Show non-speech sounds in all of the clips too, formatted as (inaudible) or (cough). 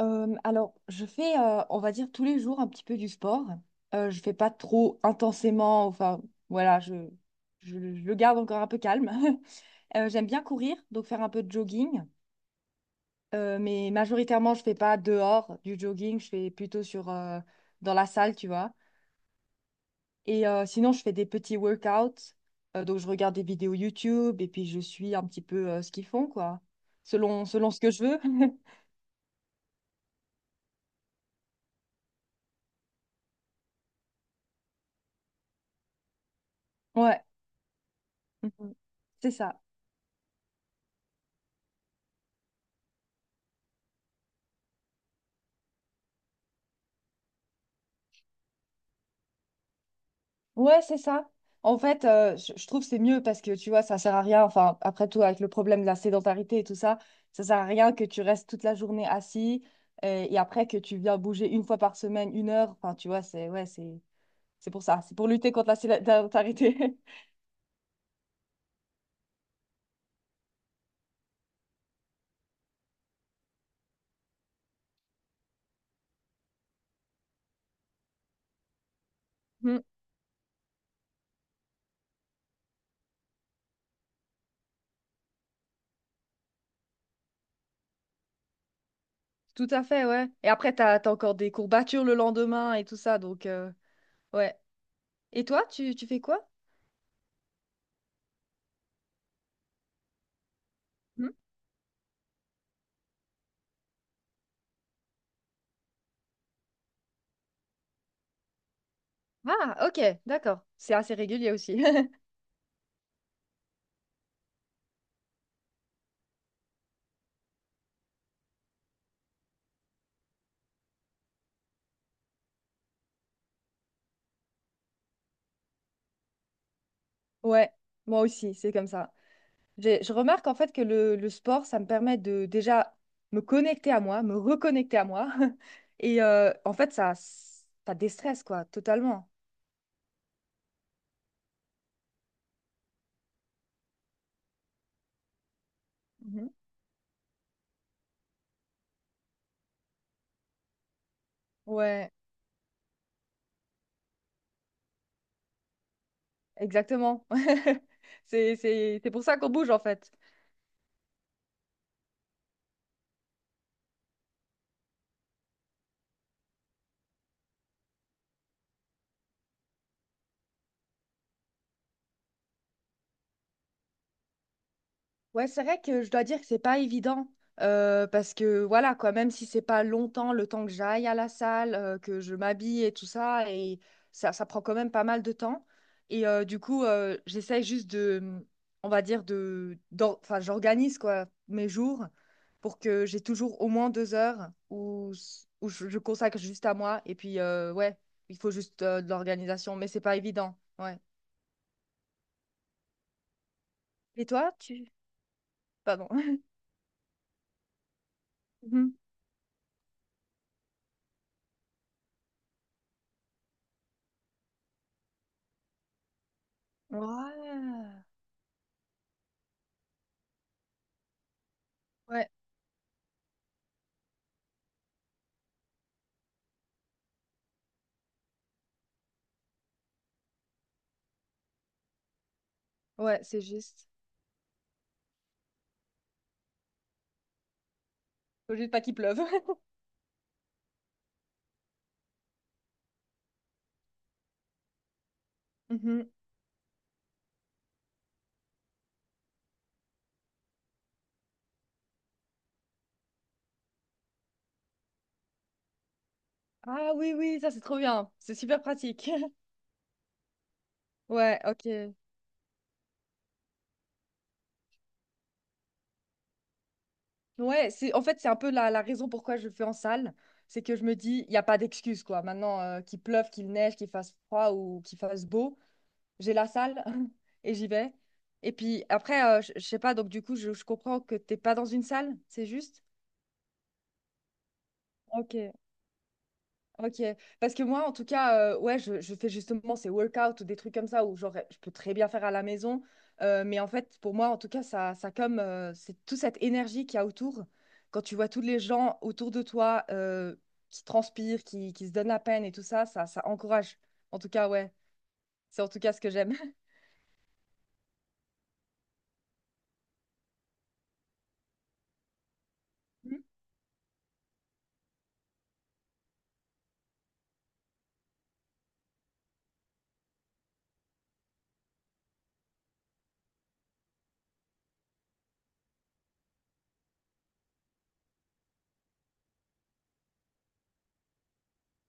Je fais, on va dire, tous les jours un petit peu du sport. Je fais pas trop intensément, enfin, voilà, je le garde encore un peu calme. (laughs) J'aime bien courir, donc faire un peu de jogging. Mais majoritairement, je fais pas dehors du jogging, je fais plutôt sur, dans la salle, tu vois. Et sinon, je fais des petits workouts. Donc, je regarde des vidéos YouTube et puis je suis un petit peu ce qu'ils font, quoi, selon ce que je veux. (laughs) Ouais, mhm, c'est ça. Ouais, c'est ça. En fait, je trouve que c'est mieux parce que tu vois, ça sert à rien. Enfin, après tout, avec le problème de la sédentarité et tout ça, ça sert à rien que tu restes toute la journée assis et, après que tu viens bouger une fois par semaine, une heure. Enfin, tu vois, c'est ouais, c'est pour ça. C'est pour lutter contre la sédentarité. (laughs) Mm, tout à fait, ouais. Et après, t'as encore des courbatures le lendemain et tout ça, donc ouais. Et toi, tu fais quoi? Mm, ah, ok, d'accord. C'est assez régulier aussi. (laughs) Ouais, moi aussi, c'est comme ça. Je remarque en fait que le sport, ça me permet de déjà me connecter à moi, me reconnecter à moi. (laughs) Et en fait, ça déstresse, quoi, totalement. Mhm. Ouais, exactement. (laughs) C'est pour ça qu'on bouge, en fait. Ouais, c'est vrai que je dois dire que c'est pas évident parce que voilà quoi, même si c'est pas longtemps le temps que j'aille à la salle, que je m'habille et tout ça, et ça prend quand même pas mal de temps. Et j'essaye juste de, on va dire de, enfin, j'organise quoi mes jours pour que j'ai toujours au moins deux heures où, je consacre juste à moi. Et puis ouais, il faut juste de l'organisation, mais c'est pas évident. Ouais. Et toi, pardon. (laughs) Mhm. Ouais. Ouais. Ouais, c'est juste. Faut juste pas qu'il pleuve. (laughs) Mhm. Ah oui, oui, ça c'est trop bien. C'est super pratique. (laughs) Ouais, ok. Ouais, c'est en fait c'est un peu la raison pourquoi je le fais en salle. C'est que je me dis, il n'y a pas d'excuse quoi. Maintenant, qu'il pleuve, qu'il neige, qu'il fasse froid ou qu'il fasse beau, j'ai la salle (laughs) et j'y vais. Et puis après, je sais pas, donc du coup, je comprends que t'es pas dans une salle, c'est juste? Ok. Ok, parce que moi, en tout cas, je fais justement ces workouts ou des trucs comme ça où genre, je peux très bien faire à la maison, mais en fait, pour moi, en tout cas, ça comme c'est toute cette énergie qu'il y a autour, quand tu vois tous les gens autour de toi qui transpirent, qui se donnent la peine et tout ça, ça encourage. En tout cas, ouais, c'est en tout cas ce que j'aime. (laughs)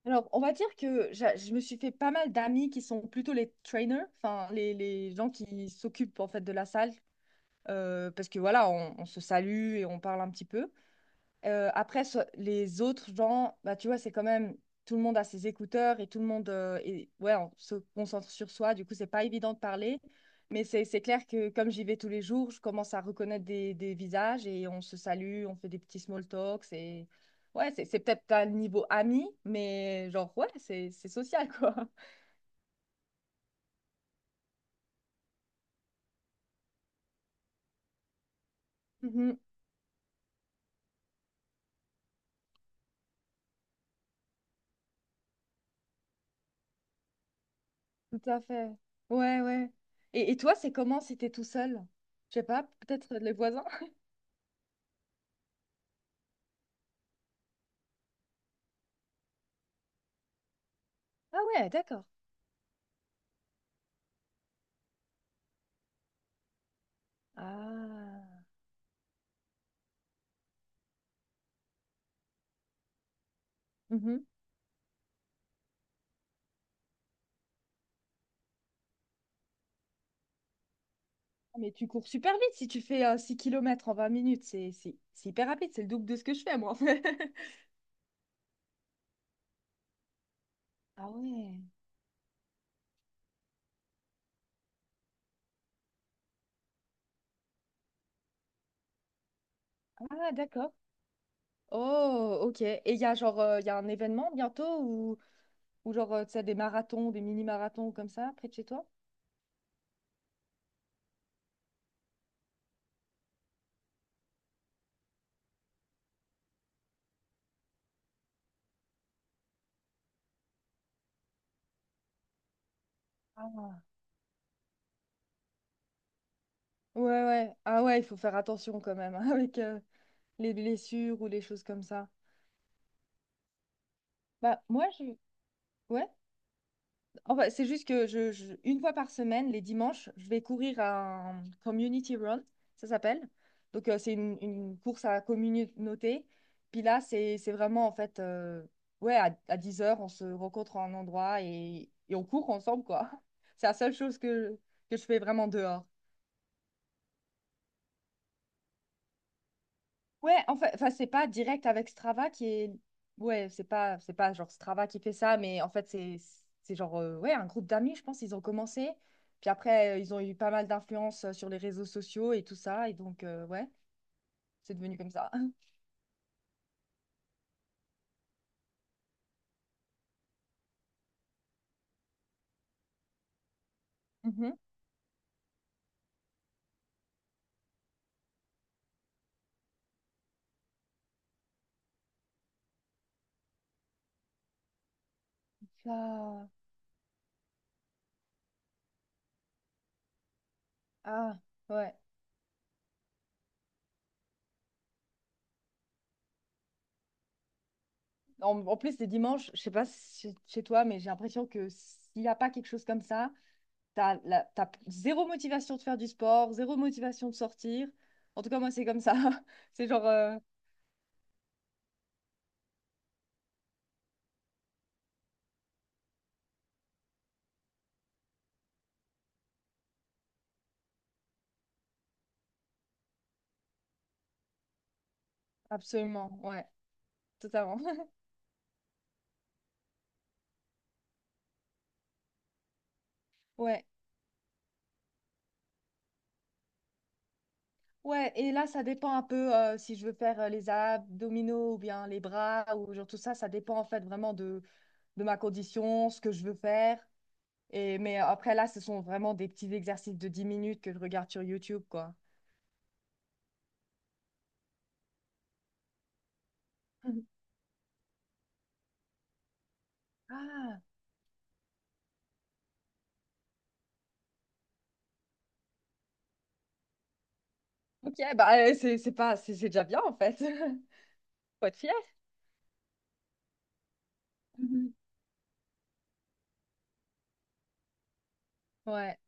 Mhm. Alors, on va dire que je me suis fait pas mal d'amis qui sont plutôt les trainers, enfin les gens qui s'occupent en fait de la salle, parce que voilà, on se salue et on parle un petit peu. Après, les autres gens, bah, tu vois, c'est quand même tout le monde a ses écouteurs et tout le monde ouais, on se concentre sur soi. Du coup, c'est pas évident de parler. Mais c'est clair que comme j'y vais tous les jours, je commence à reconnaître des visages et on se salue, on fait des petits small talks et ouais, c'est peut-être pas le niveau ami, mais genre ouais, c'est social quoi. (laughs) Tout à fait. Ouais, ouais. Et toi, c'est comment si t'es tout seul? Je sais pas, peut-être les voisins? Ah ouais, d'accord. Ah. Mhm. Mais tu cours super vite si tu fais 6 km en 20 minutes. C'est hyper rapide, c'est le double de ce que je fais, moi. (laughs) Ah ouais. Ah, d'accord. Oh, ok. Et il y a genre, il y a un événement bientôt ou genre, tu sais, des marathons, des mini-marathons comme ça, près de chez toi? Ah. Ouais, ouais. Ah ouais, il faut faire attention quand même hein, (laughs) avec les blessures ou les choses comme ça. Bah, moi, je... ouais. Enfin, c'est juste que une fois par semaine, les dimanches, je vais courir un community run, ça s'appelle. Donc, c'est une course à la communauté. Puis là, c'est vraiment, en fait, ouais, à 10 heures, on se rencontre en un endroit et on court ensemble, quoi. (laughs) C'est la seule chose que je fais vraiment dehors. Ouais, en fait, enfin, c'est pas direct avec Strava qui est. Ouais, c'est pas genre Strava qui fait ça, mais en fait, c'est genre ouais, un groupe d'amis, je pense, ils ont commencé. Puis après, ils ont eu pas mal d'influence sur les réseaux sociaux et tout ça. Et donc, ouais, c'est devenu comme ça. (laughs) Mhm. Ça- Ah, ouais. En, en plus, les dimanches, je sais pas si chez toi, mais j'ai l'impression que s'il n'y a pas quelque chose comme ça, t'as zéro motivation de faire du sport, zéro motivation de sortir. En tout cas, moi, c'est comme ça. (laughs) C'est genre. Absolument, ouais, totalement. (laughs) Ouais, ouais, et là, ça dépend un peu si je veux faire les abdominaux ou bien les bras ou genre tout ça, ça dépend en fait vraiment de ma condition, ce que je veux faire. Et, mais après, là, ce sont vraiment des petits exercices de 10 minutes que je regarde sur YouTube, quoi. Mhm. Ah, ok, bah c'est pas, c'est déjà bien en fait. (laughs) Faut être fier. Mhm. Ouais.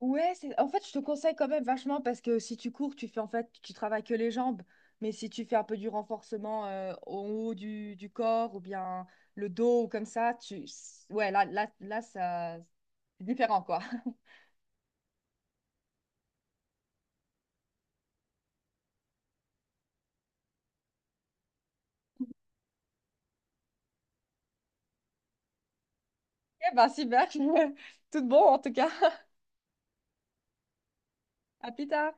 Ouais, c'est... en fait, je te conseille quand même vachement parce que si tu cours, tu fais en fait, tu travailles que les jambes. Mais si tu fais un peu du renforcement au haut du corps ou bien le dos ou comme ça, tu... ouais, là, ça... c'est différent quoi. (laughs) Eh ben, super, (laughs) tout bon en tout cas. À plus tard.